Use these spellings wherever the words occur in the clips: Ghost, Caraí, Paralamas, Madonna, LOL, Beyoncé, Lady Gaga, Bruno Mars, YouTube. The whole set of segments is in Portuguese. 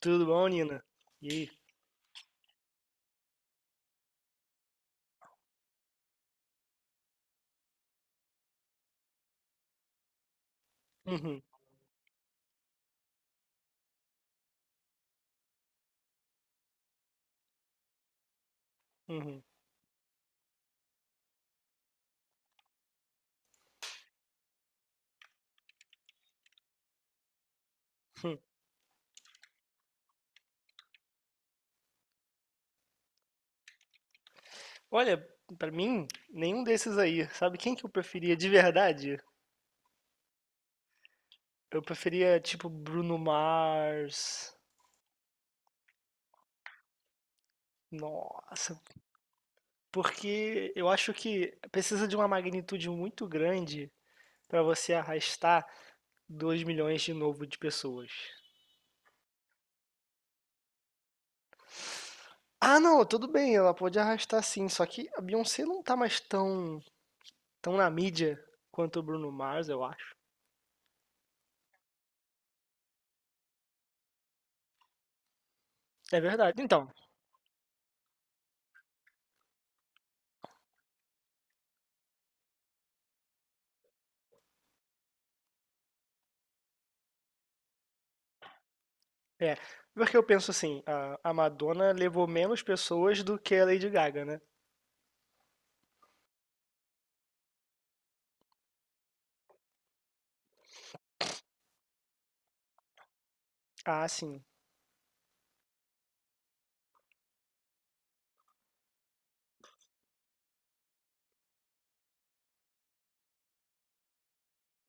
Tudo bom, Nina? E aí? Uhum, uhum. Olha, pra mim, nenhum desses aí. Sabe quem que eu preferia de verdade? Eu preferia, tipo, Bruno Mars. Nossa, porque eu acho que precisa de uma magnitude muito grande pra você arrastar 2 milhões de novo de pessoas. Ah, não, tudo bem, ela pode arrastar sim, só que a Beyoncé não tá mais tão, tão na mídia quanto o Bruno Mars, eu acho. É verdade. Então, é, porque eu penso assim, a Madonna levou menos pessoas do que a Lady Gaga, né? Ah, sim.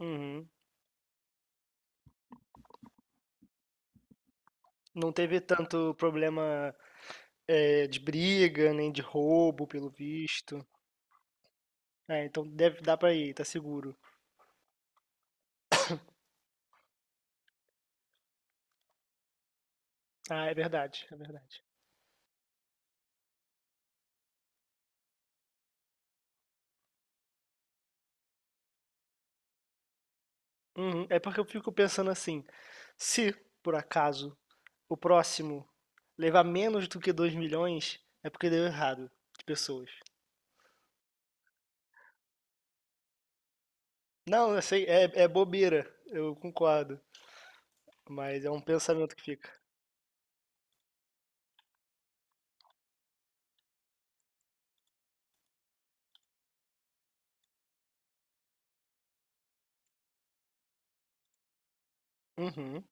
Uhum. Não teve tanto problema, é, de briga, nem de roubo, pelo visto. É, então deve dar pra ir, tá seguro. Ah, é verdade, é verdade. Uhum. É porque eu fico pensando assim, se, por acaso, o próximo levar menos do que 2 milhões, é porque deu errado de pessoas. Não, eu sei, é, é bobeira, eu concordo, mas é um pensamento que fica. Uhum.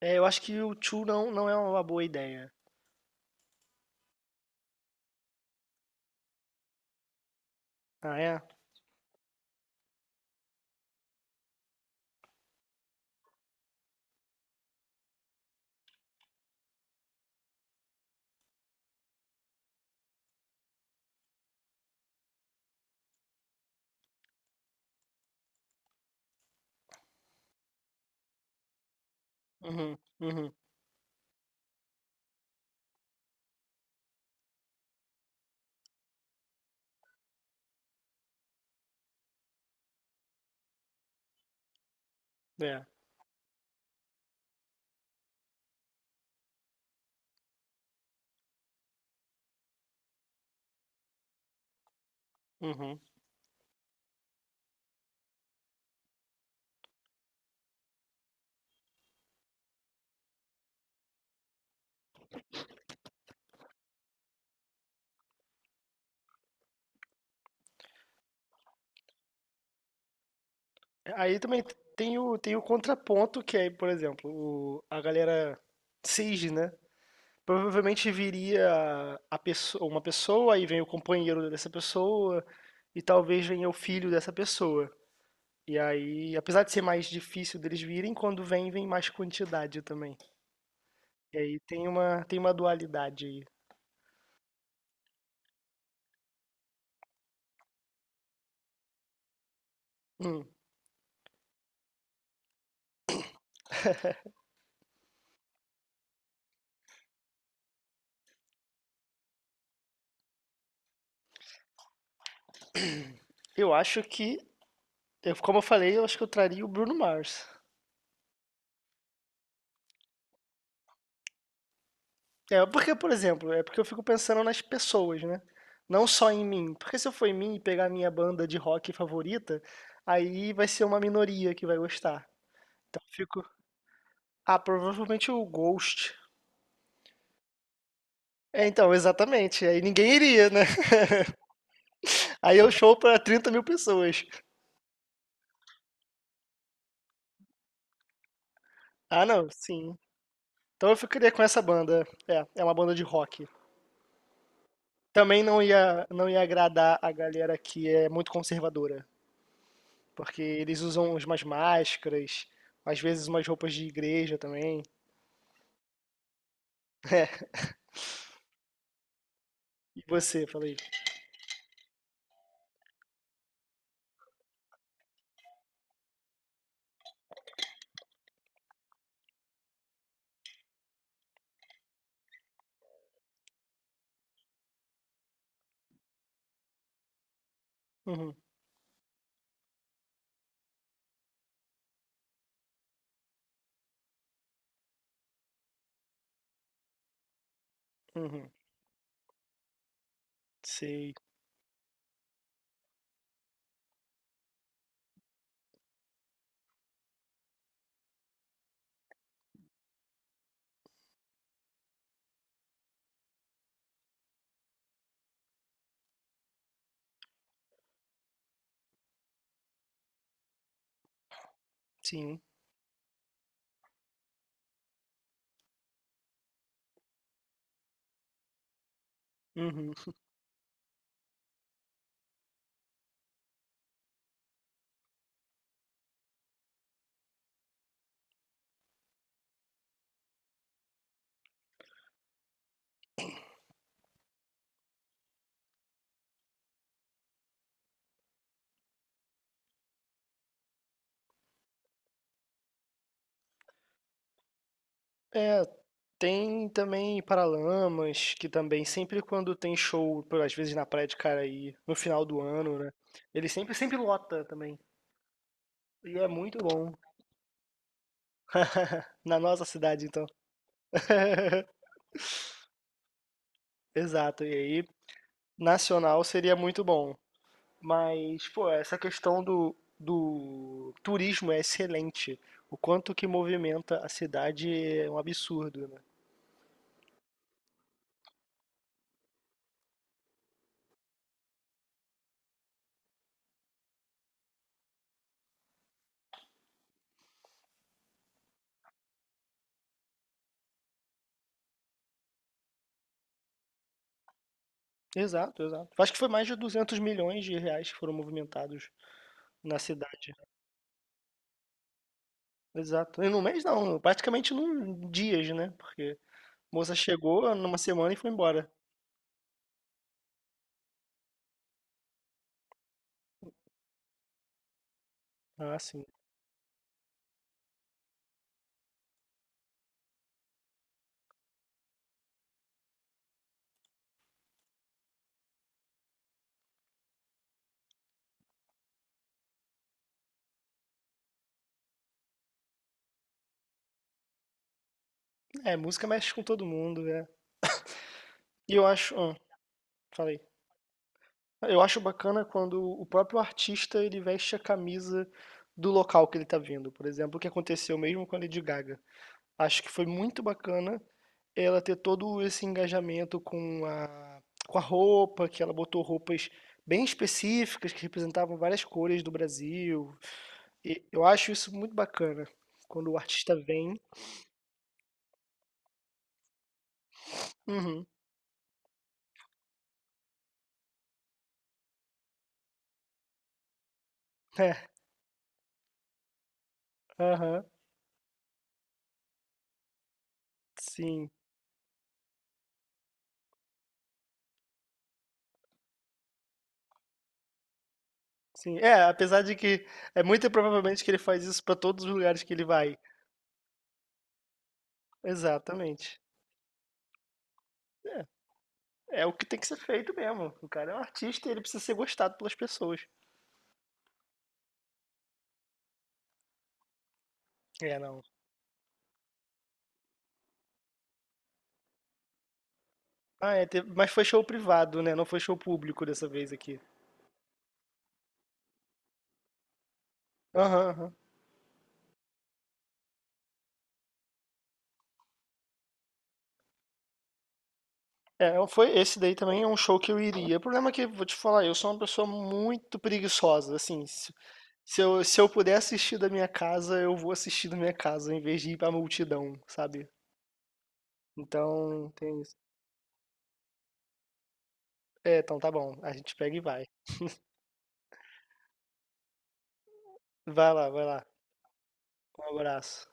É, eu acho que o Chu não, não é uma boa ideia. Ah, é? Uhum, uhum, é, uhum. Aí também tem tem o contraponto, que é, por exemplo, a galera Sage, né? Provavelmente viria a pessoa, uma pessoa, aí vem o companheiro dessa pessoa, e talvez venha o filho dessa pessoa. E aí, apesar de ser mais difícil deles virem, quando vem, vem mais quantidade também. E aí tem tem uma dualidade aí. Hum, eu acho que Eu, como eu falei, eu acho que eu traria o Bruno Mars. É, porque, por exemplo, é porque eu fico pensando nas pessoas, né? Não só em mim. Porque se eu for em mim e pegar a minha banda de rock favorita, aí vai ser uma minoria que vai gostar. Então eu fico. Ah, provavelmente o Ghost. É, então, exatamente. Aí ninguém iria, né? Aí eu show pra 30 mil pessoas. Ah, não, sim. Então eu ficaria com essa banda. É, é uma banda de rock. Também não ia, não ia agradar a galera que é muito conservadora, porque eles usam umas máscaras, às vezes umas roupas de igreja também. E você, falei, uhum, uhum, sei, sim, uhum. É, tem também Paralamas, que também sempre quando tem show, às vezes na Praia de Caraí, no final do ano, né? Ele sempre, sempre lota também. E é muito bom. Na nossa cidade, então. Exato. E aí, nacional seria muito bom. Mas, pô, essa questão do turismo é excelente. O quanto que movimenta a cidade é um absurdo, né? Exato, exato. Acho que foi mais de 200 milhões de reais que foram movimentados na cidade. Exato. E no mês não, praticamente num dias, né? Porque a moça chegou numa semana e foi embora. Ah, sim. É, música mexe com todo mundo, é. E eu acho. Ah, falei. Eu acho bacana quando o próprio artista ele veste a camisa do local que ele está vindo. Por exemplo, o que aconteceu mesmo com a Lady Gaga. Acho que foi muito bacana ela ter todo esse engajamento com com a roupa, que ela botou roupas bem específicas que representavam várias cores do Brasil. E eu acho isso muito bacana quando o artista vem. Uhum. É, aham. Sim, sim. É, apesar de que é muito provavelmente que ele faz isso para todos os lugares que ele vai. Exatamente. É, é o que tem que ser feito mesmo. O cara é um artista e ele precisa ser gostado pelas pessoas. É, não. Ah, é, mas foi show privado, né? Não foi show público dessa vez aqui. Aham, aham. Foi esse daí também é um show que eu iria. O problema é que, vou te falar, eu sou uma pessoa muito preguiçosa, assim, se, se eu puder assistir da minha casa, eu vou assistir da minha casa, em vez de ir pra multidão, sabe? Então, tem isso. É, então tá bom, a gente pega e vai. Vai lá, vai lá. Um abraço.